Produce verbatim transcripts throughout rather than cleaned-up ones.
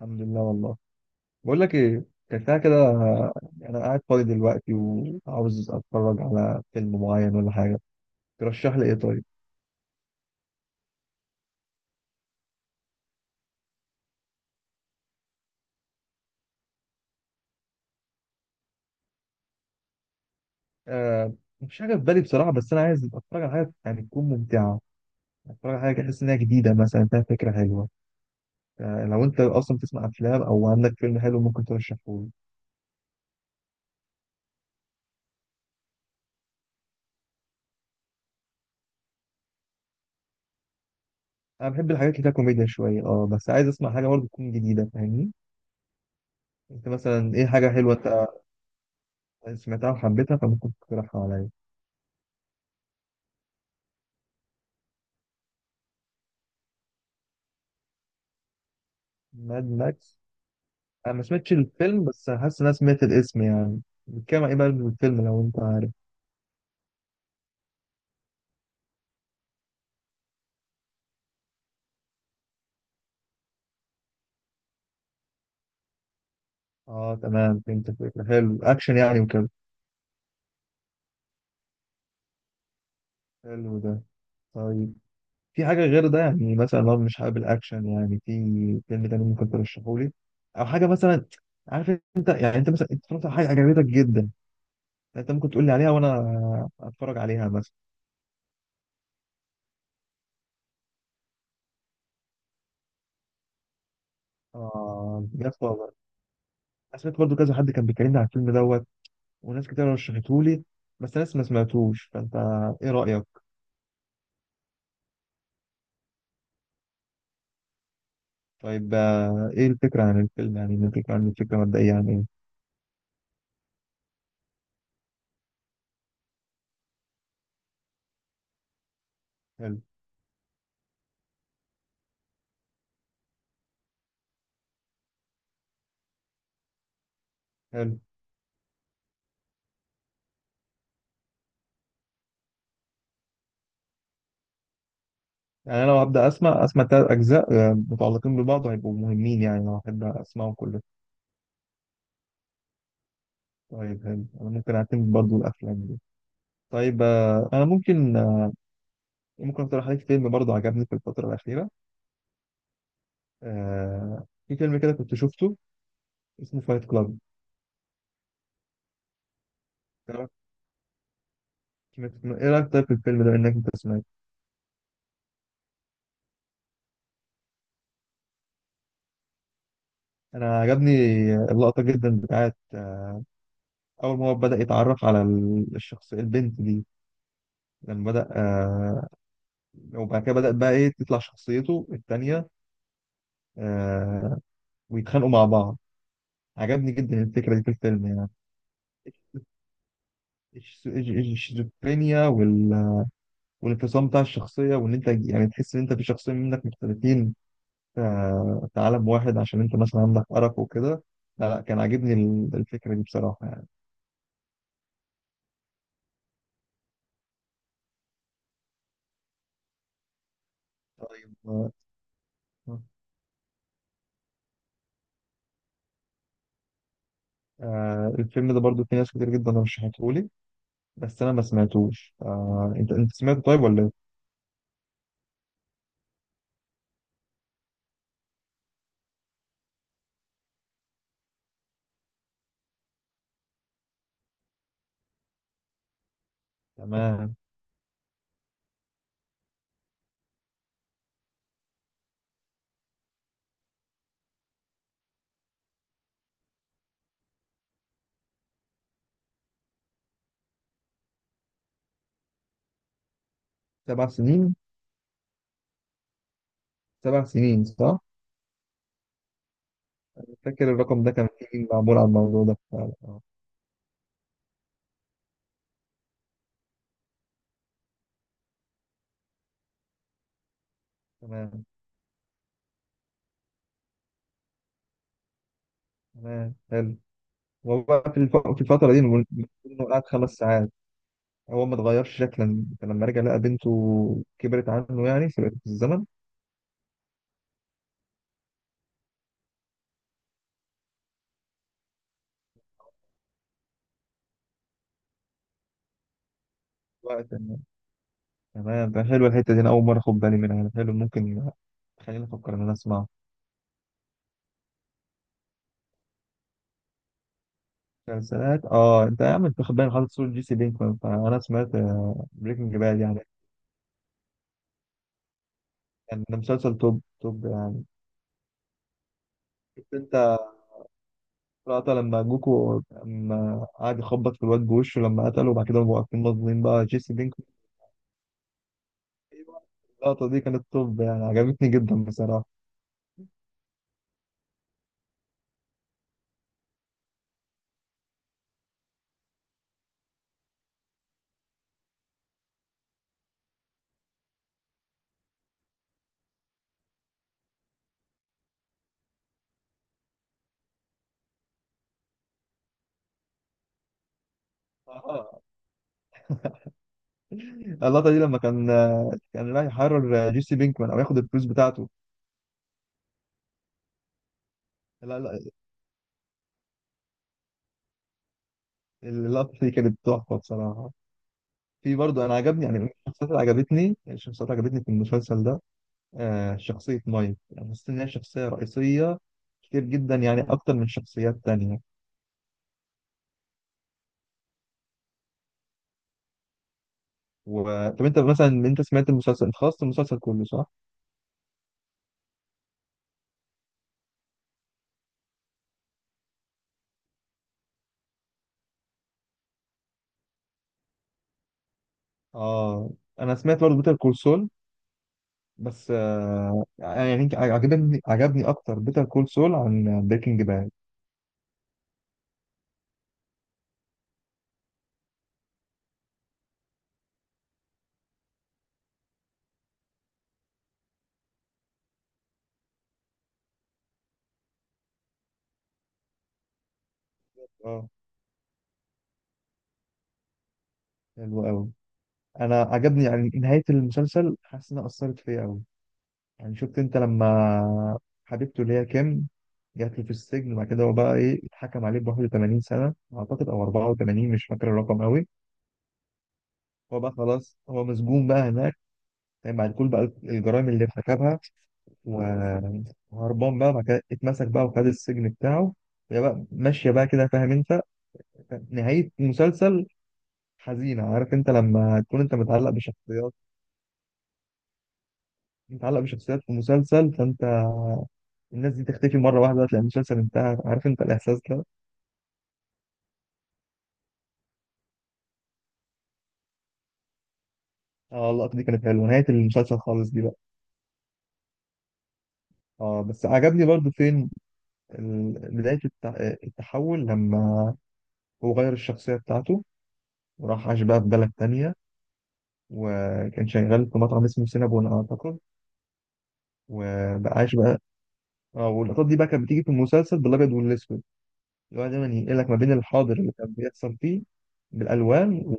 الحمد لله والله. بقول لك ايه، كان ساعة كده. انا قاعد فاضي دلوقتي وعاوز اتفرج على فيلم معين ولا حاجه، ترشح لي ايه طيب؟ آه، مفيش حاجه في بالي بصراحه، بس انا عايز اتفرج على حاجه يعني تكون ممتعه. اتفرج على حاجه كده احس انها جديده مثلا فيها فكره حلوه. آه لو انت اصلا بتسمع افلام او عندك فيلم حلو ممكن ترشحه لي. انا بحب الحاجات اللي فيها كوميديا شويه، اه بس عايز اسمع حاجه برضه تكون جديده فاهمني. انت مثلا ايه حاجه حلوه انت سمعتها وحبيتها فممكن تقترحها عليا؟ ماد ماكس، انا ما سمعتش الفيلم بس حاسس ان انا سمعت الاسم، يعني بيتكلم عن ايه بقى الفيلم لو انت عارف؟ اه تمام، فهمت الفكره، حلو اكشن يعني وكده. حلو ده. طيب في حاجه غير ده يعني مثلا لو مش حابب الاكشن، يعني في فيلم تاني ممكن ترشحه لي او حاجه مثلا؟ عارف، انت يعني انت مثلا انت اتفرجت على حاجه عجبتك جدا انت ممكن تقول لي عليها وانا اتفرج عليها مثلا. اه جاد فاذر، انا سمعت برضه كذا حد كان بيكلمني على الفيلم دوت وناس كتير رشحته لي، بس ناس ما سمعتوش، فانت ايه رايك؟ طيب آه، ايه الفكرة عن الفيلم، يعني الفكرة عن الفكرة مبدئية عن ايه؟ حلو. حلو، يعني انا لو هبدأ اسمع اسمع تلات اجزاء آه، متعلقين ببعض هيبقوا مهمين يعني، لو احب اسمعهم كله. طيب حلو، انا ممكن اعتمد برضو الافلام دي. طيب آه، انا ممكن آه، ممكن اقترح عليك فيلم برضو عجبني في الفترة الأخيرة. آه، في فيلم كده كنت شفته اسمه فايت كلاب، ايه رأيك طيب في الفيلم ده انك انت سمعت؟ انا عجبني اللقطة جدا بتاعت آه، اول ما هو بدأ يتعرف على الشخص البنت دي، لما بدأ آه وبعد كده بدأت بقى إيه تطلع شخصيته التانية، آه ويتخانقوا مع بعض. عجبني جدا الفكرة دي في الفيلم يعني. الش- الش- الشيزوفرينيا وال... والانفصام بتاع الشخصية، وإن أنت يعني تحس إن أنت في شخصين منك مختلفين، آه في عالم واحد عشان أنت مثلا عندك أرق وكده. لا لا كان عاجبني ال- الفكرة دي بصراحة يعني. طيب آه، آه، الفيلم ده برضو في ناس كتير جدا رشحته لي بس أنا ما سمعتوش، آه أنت أنت سمعته طيب ولا إيه؟ تمام. سبع سنين. سبع سنين صح؟ فاكر الرقم ده كان فيه معمول على الموضوع ده فعلا اه. تمام. تمام حلو. هو بقى في الف- في الفترة دي المفروض إنه قعد خمس ساعات هو ما اتغيرش شكلا، فلما رجع لقى بنته كبرت عنه يعني سبقت في الزمن. وقت إنه- تمام، ده حلوة الحتة دي، أنا أول مرة أخد بالي منها. حلو، ممكن خليني أفكر إن أنا أسمعه. مسلسلات اه، انت يا عم انت واخد بالك حاطط صورة جيسي بينكمان، فانا سمعت بريكنج باد يعني. كان ده مسلسل توب توب يعني. شفت رأت لما جوكو لما قعد يخبط في الواد بوشه لما قتله وبعد كده بقوا واقفين مظلومين بقى جيسي بينكمان، اللقطة دي كانت توب يعني، عجبتني جدا بصراحة. آه. اللقطة دي لما كان كان رايح يحرر جيسي بينكمان أو ياخد الفلوس بتاعته. لا لا اللقطة دي كانت تحفة بصراحة. في برضه أنا عجبني يعني من الشخصيات اللي عجبتني، الشخصيات اللي عجبتني في المسلسل ده آه شخصية مايك، يعني حسيت إن هي شخصية رئيسية كتير جدا يعني أكتر من شخصيات تانية. و... طب أنت مثلا أنت سمعت المسلسل، أنت خلصت المسلسل كله صح؟ اه انا سمعت برضه بيتر كول سول. بس آه يعني عجبني عجبني اكتر بيتر كول سول عن بريكنج باد. اه حلو قوي. انا عجبني يعني نهايه المسلسل، حاسس انها اثرت فيا قوي. يعني شفت انت لما حبيبته اللي هي كيم جات له في السجن وبعد كده هو بقى ايه اتحكم عليه ب واحد وثمانين سنه اعتقد او أربعة وثمانين، مش فاكر الرقم قوي. هو بقى خلاص هو مسجون بقى هناك، يعني بعد كل بقى الجرائم اللي ارتكبها و- وهربان بقى وبعد كده اتمسك بقى وخد السجن بتاعه. وهي بقى ماشية بقى كده، فاهم انت؟ نهاية مسلسل حزينة، عارف انت لما تكون انت متعلق بشخصيات، متعلق بشخصيات في مسلسل، فانت الناس دي تختفي مرة واحدة تلاقي المسلسل انتهى، عارف انت الإحساس ده. اه اللقطة دي كانت حلوة نهاية المسلسل خالص دي بقى. اه بس عجبني برضو فين ال- بداية الت- التحول لما هو غير الشخصية بتاعته وراح عاش بقى في بلد تانية، وكان شغال في مطعم اسمه سينابون أعتقد، وبقاش بقى. اه واللقطات دي بقى كانت بتيجي في المسلسل بالابيض والاسود، اللي هو دايما ينقلك ما بين الحاضر اللي كان بيحصل فيه بالالوان.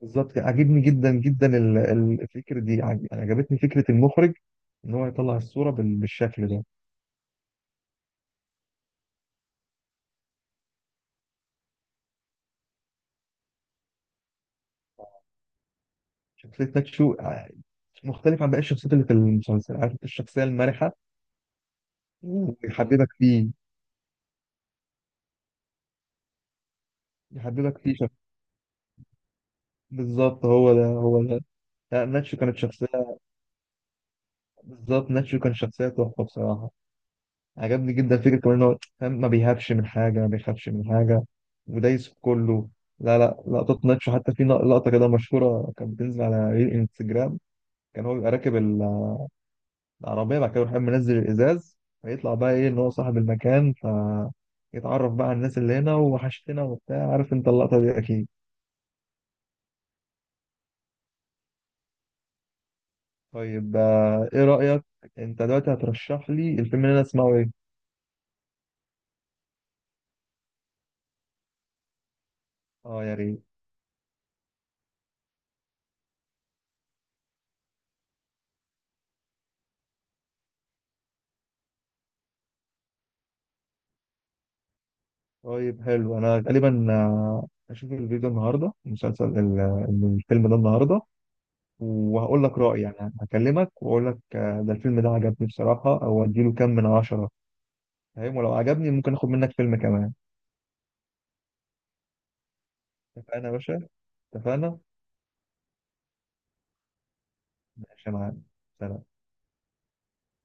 بالظبط كده. عجبني جدا جدا ال- ال- الفكره دي، عج- يعني عجبتني فكره المخرج ان هو يطلع الصوره بال- بالشكل ده. شخصيه ناتشو ع- مختلف عن باقي الشخصيات اللي في المسلسل، عارف انت الشخصيه المرحه. مم، ويحببك فيه. يحببك فيه شخ... بالظبط، هو ده هو ده. لا، ناتشو كانت شخصيه، بالظبط ناتشو كان شخصيه تحفه بصراحه. عجبني جدا فكرة كمان إن هو فاهم، ما بيهابش من حاجة ما بيخافش من حاجة ودايس في كله. لا لا لقطات ناتشو حتى في نق- لقطة كده مشهورة كانت بتنزل على ريل انستجرام، كان هو بيبقى راكب ال- العربية بعد كده يروح قايم منزل الإزاز فيطلع بقى إيه إن هو صاحب المكان، فيتعرف بقى على الناس اللي هنا وحشتنا وبتاع، عارف أنت اللقطة دي أكيد. طيب آه، إيه رأيك أنت دلوقتي هترشح لي الفيلم اللي أنا أسمعه إيه؟ أه يا ريت. طيب حلو، انا غالبا آه، هشوف الفيديو النهارده المسلسل ال- الفيلم ده النهارده، وهقول لك رأيي، يعني هكلمك واقول لك آه، ده الفيلم ده عجبني بصراحة او اديله كام من عشرة. فاهم، ولو عجبني ممكن اخد منك فيلم كمان. اتفقنا يا باشا. اتفقنا. ماشي يا معلم. سلام.